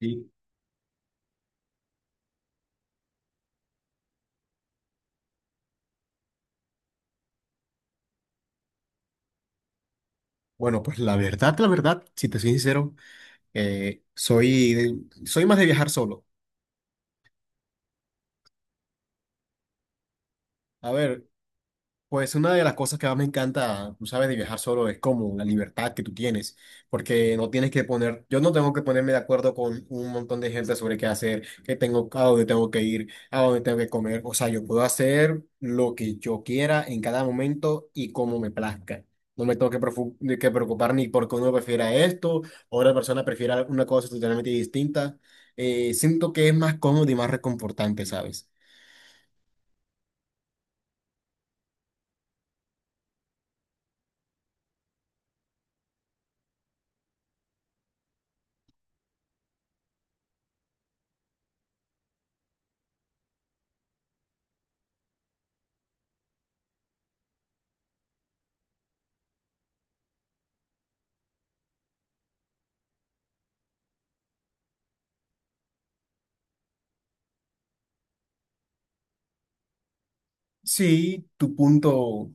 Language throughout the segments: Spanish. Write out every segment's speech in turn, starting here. Sí. Bueno, pues la verdad, si te soy sincero, soy, soy más de viajar solo. A ver, pues una de las cosas que más me encanta, tú sabes, de viajar solo es como la libertad que tú tienes, porque no tienes que poner, yo no tengo que ponerme de acuerdo con un montón de gente sobre qué hacer, qué tengo, a dónde tengo que ir, a dónde tengo que comer. O sea, yo puedo hacer lo que yo quiera en cada momento y como me plazca. No me tengo que, de que preocupar ni porque uno prefiera esto o otra persona prefiera una cosa totalmente distinta. Siento que es más cómodo y más reconfortante, ¿sabes? Sí, tu punto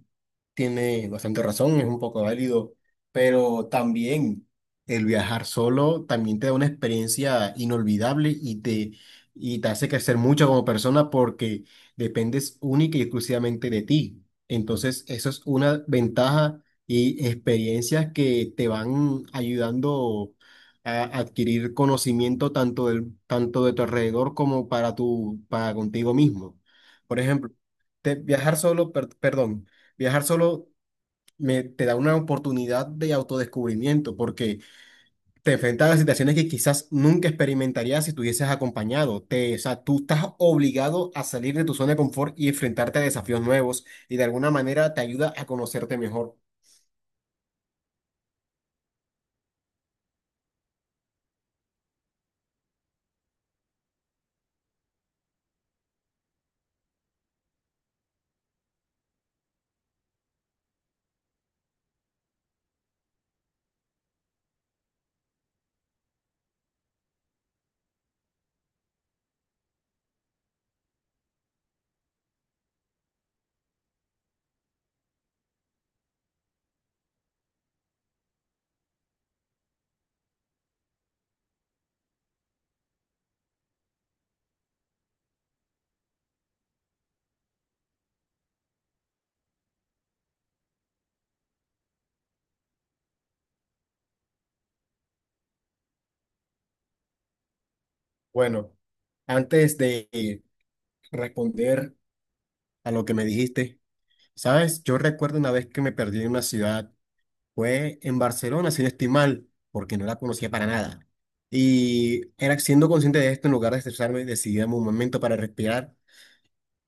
tiene bastante razón, es un poco válido, pero también el viajar solo también te da una experiencia inolvidable y te hace crecer mucho como persona porque dependes única y exclusivamente de ti. Entonces, eso es una ventaja y experiencias que te van ayudando a adquirir conocimiento tanto de tu alrededor como para para contigo mismo. Por ejemplo, viajar solo, perdón, viajar solo te da una oportunidad de autodescubrimiento porque te enfrentas a situaciones que quizás nunca experimentarías si estuvieses acompañado. O sea, tú estás obligado a salir de tu zona de confort y enfrentarte a desafíos nuevos y de alguna manera te ayuda a conocerte mejor. Bueno, antes de responder a lo que me dijiste, ¿sabes? Yo recuerdo una vez que me perdí en una ciudad. Fue en Barcelona, si no estoy mal, porque no la conocía para nada. Y era siendo consciente de esto, en lugar de estresarme, decidí darme un momento para respirar,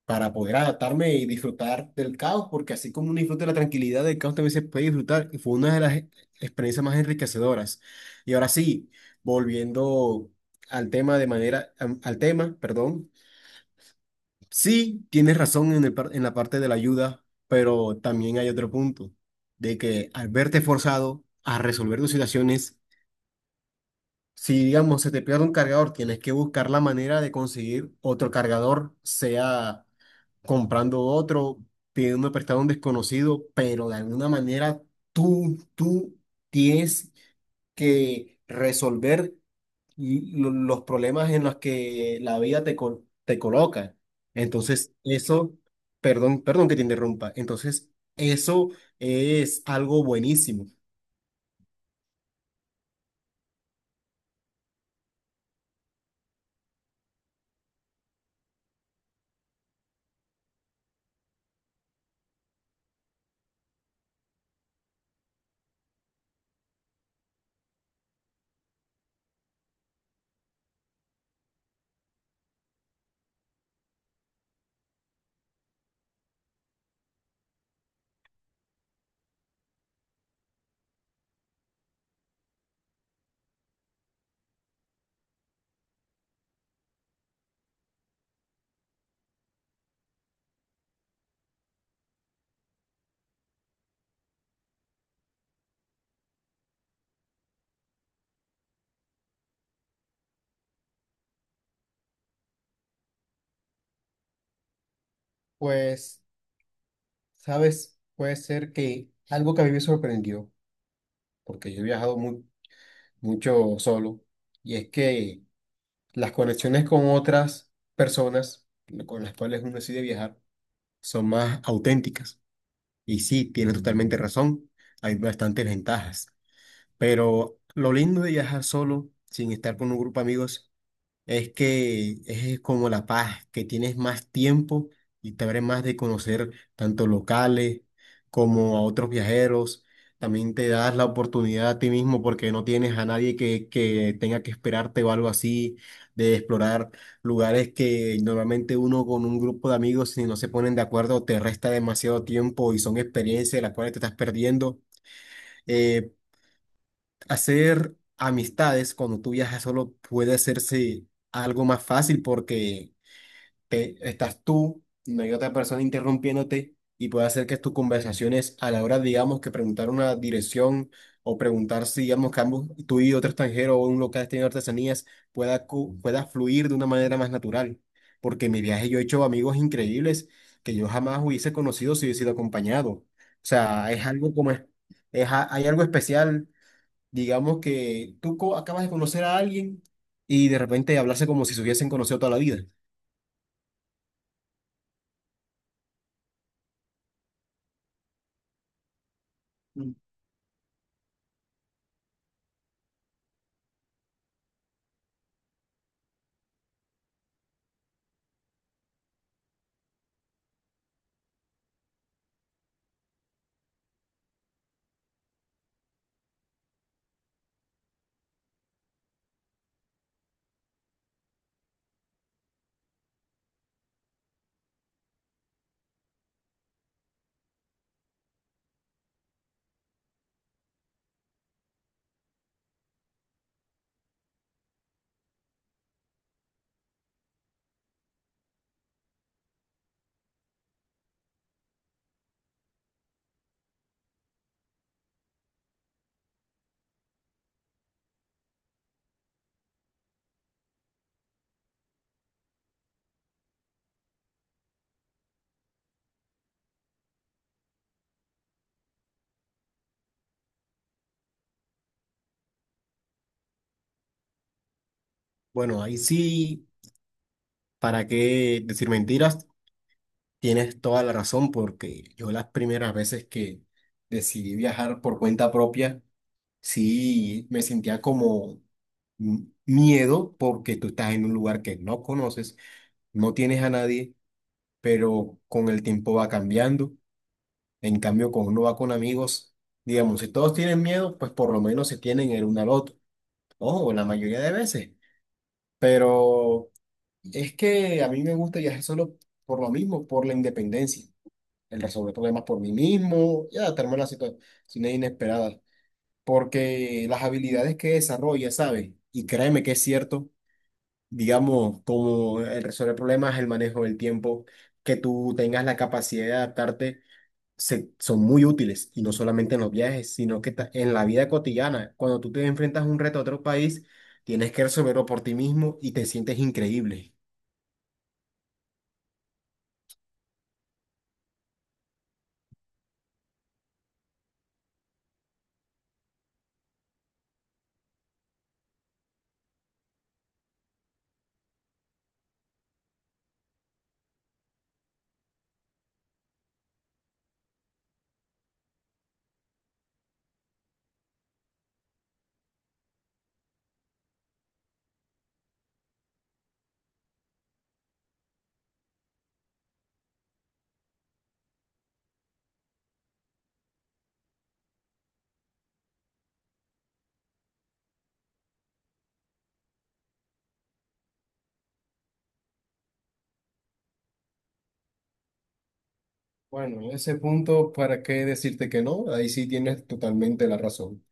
para poder adaptarme y disfrutar del caos, porque así como uno disfruta de la tranquilidad, del caos también se puede disfrutar. Y fue una de las experiencias más enriquecedoras. Y ahora sí, volviendo al tema de manera, perdón. Sí, tienes razón en en la parte de la ayuda, pero también hay otro punto, de que al verte forzado a resolver tus situaciones, si digamos se te pierde un cargador, tienes que buscar la manera de conseguir otro cargador, sea comprando otro, pidiendo prestado a un desconocido, pero de alguna manera tú tienes que resolver los problemas en los que la vida te coloca. Entonces, eso, perdón que te interrumpa. Entonces, eso es algo buenísimo. Pues, sabes, puede ser que algo que a mí me sorprendió, porque yo he viajado mucho solo, y es que las conexiones con otras personas con las cuales uno decide viajar son más auténticas. Y sí, tienes totalmente razón, hay bastantes ventajas. Pero lo lindo de viajar solo, sin estar con un grupo de amigos, es que es como la paz, que tienes más tiempo y te abres más de conocer tanto locales como a otros viajeros. También te das la oportunidad a ti mismo porque no tienes a nadie que tenga que esperarte o algo así, de explorar lugares que normalmente uno con un grupo de amigos, si no se ponen de acuerdo, te resta demasiado tiempo y son experiencias de las cuales te estás perdiendo. Eh, Hacer amistades cuando tú viajas solo puede hacerse algo más fácil porque estás tú, no hay otra persona interrumpiéndote y puede hacer que tus conversaciones a la hora, digamos, que preguntar una dirección o preguntar si, digamos, que ambos, tú y otro extranjero o un local tiene artesanías, pueda fluir de una manera más natural. Porque en mi viaje yo he hecho amigos increíbles que yo jamás hubiese conocido si hubiese sido acompañado. O sea, es algo como... Es, hay algo especial. Digamos que acabas de conocer a alguien y de repente hablarse como si se hubiesen conocido toda la vida. Bueno, ahí sí, ¿para qué decir mentiras? Tienes toda la razón porque yo las primeras veces que decidí viajar por cuenta propia, sí me sentía como miedo porque tú estás en un lugar que no conoces, no tienes a nadie, pero con el tiempo va cambiando. En cambio, cuando uno va con amigos, digamos, si todos tienen miedo, pues por lo menos se tienen el uno al otro. Ojo, la mayoría de veces. Pero es que a mí me gusta viajar solo por lo mismo, por la independencia. El resolver problemas por mí mismo y adaptarme a las situaciones inesperadas. Porque las habilidades que desarrolla, ¿sabes? Y créeme que es cierto, digamos, como el resolver problemas, el manejo del tiempo, que tú tengas la capacidad de adaptarte son muy útiles y no solamente en los viajes, sino que en la vida cotidiana, cuando tú te enfrentas a un reto a otro país, tienes que resolverlo por ti mismo y te sientes increíble. Bueno, en ese punto, ¿para qué decirte que no? Ahí sí tienes totalmente la razón.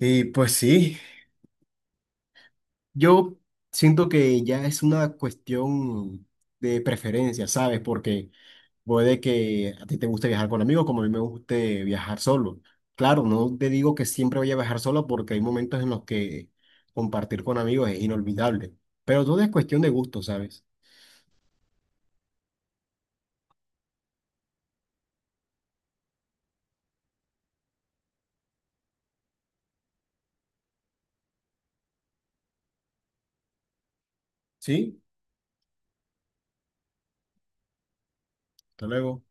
Y pues sí, yo siento que ya es una cuestión de preferencia, ¿sabes? Porque puede que a ti te guste viajar con amigos, como a mí me guste viajar solo. Claro, no te digo que siempre voy a viajar solo porque hay momentos en los que compartir con amigos es inolvidable, pero todo es cuestión de gusto, ¿sabes? Sí, hasta luego.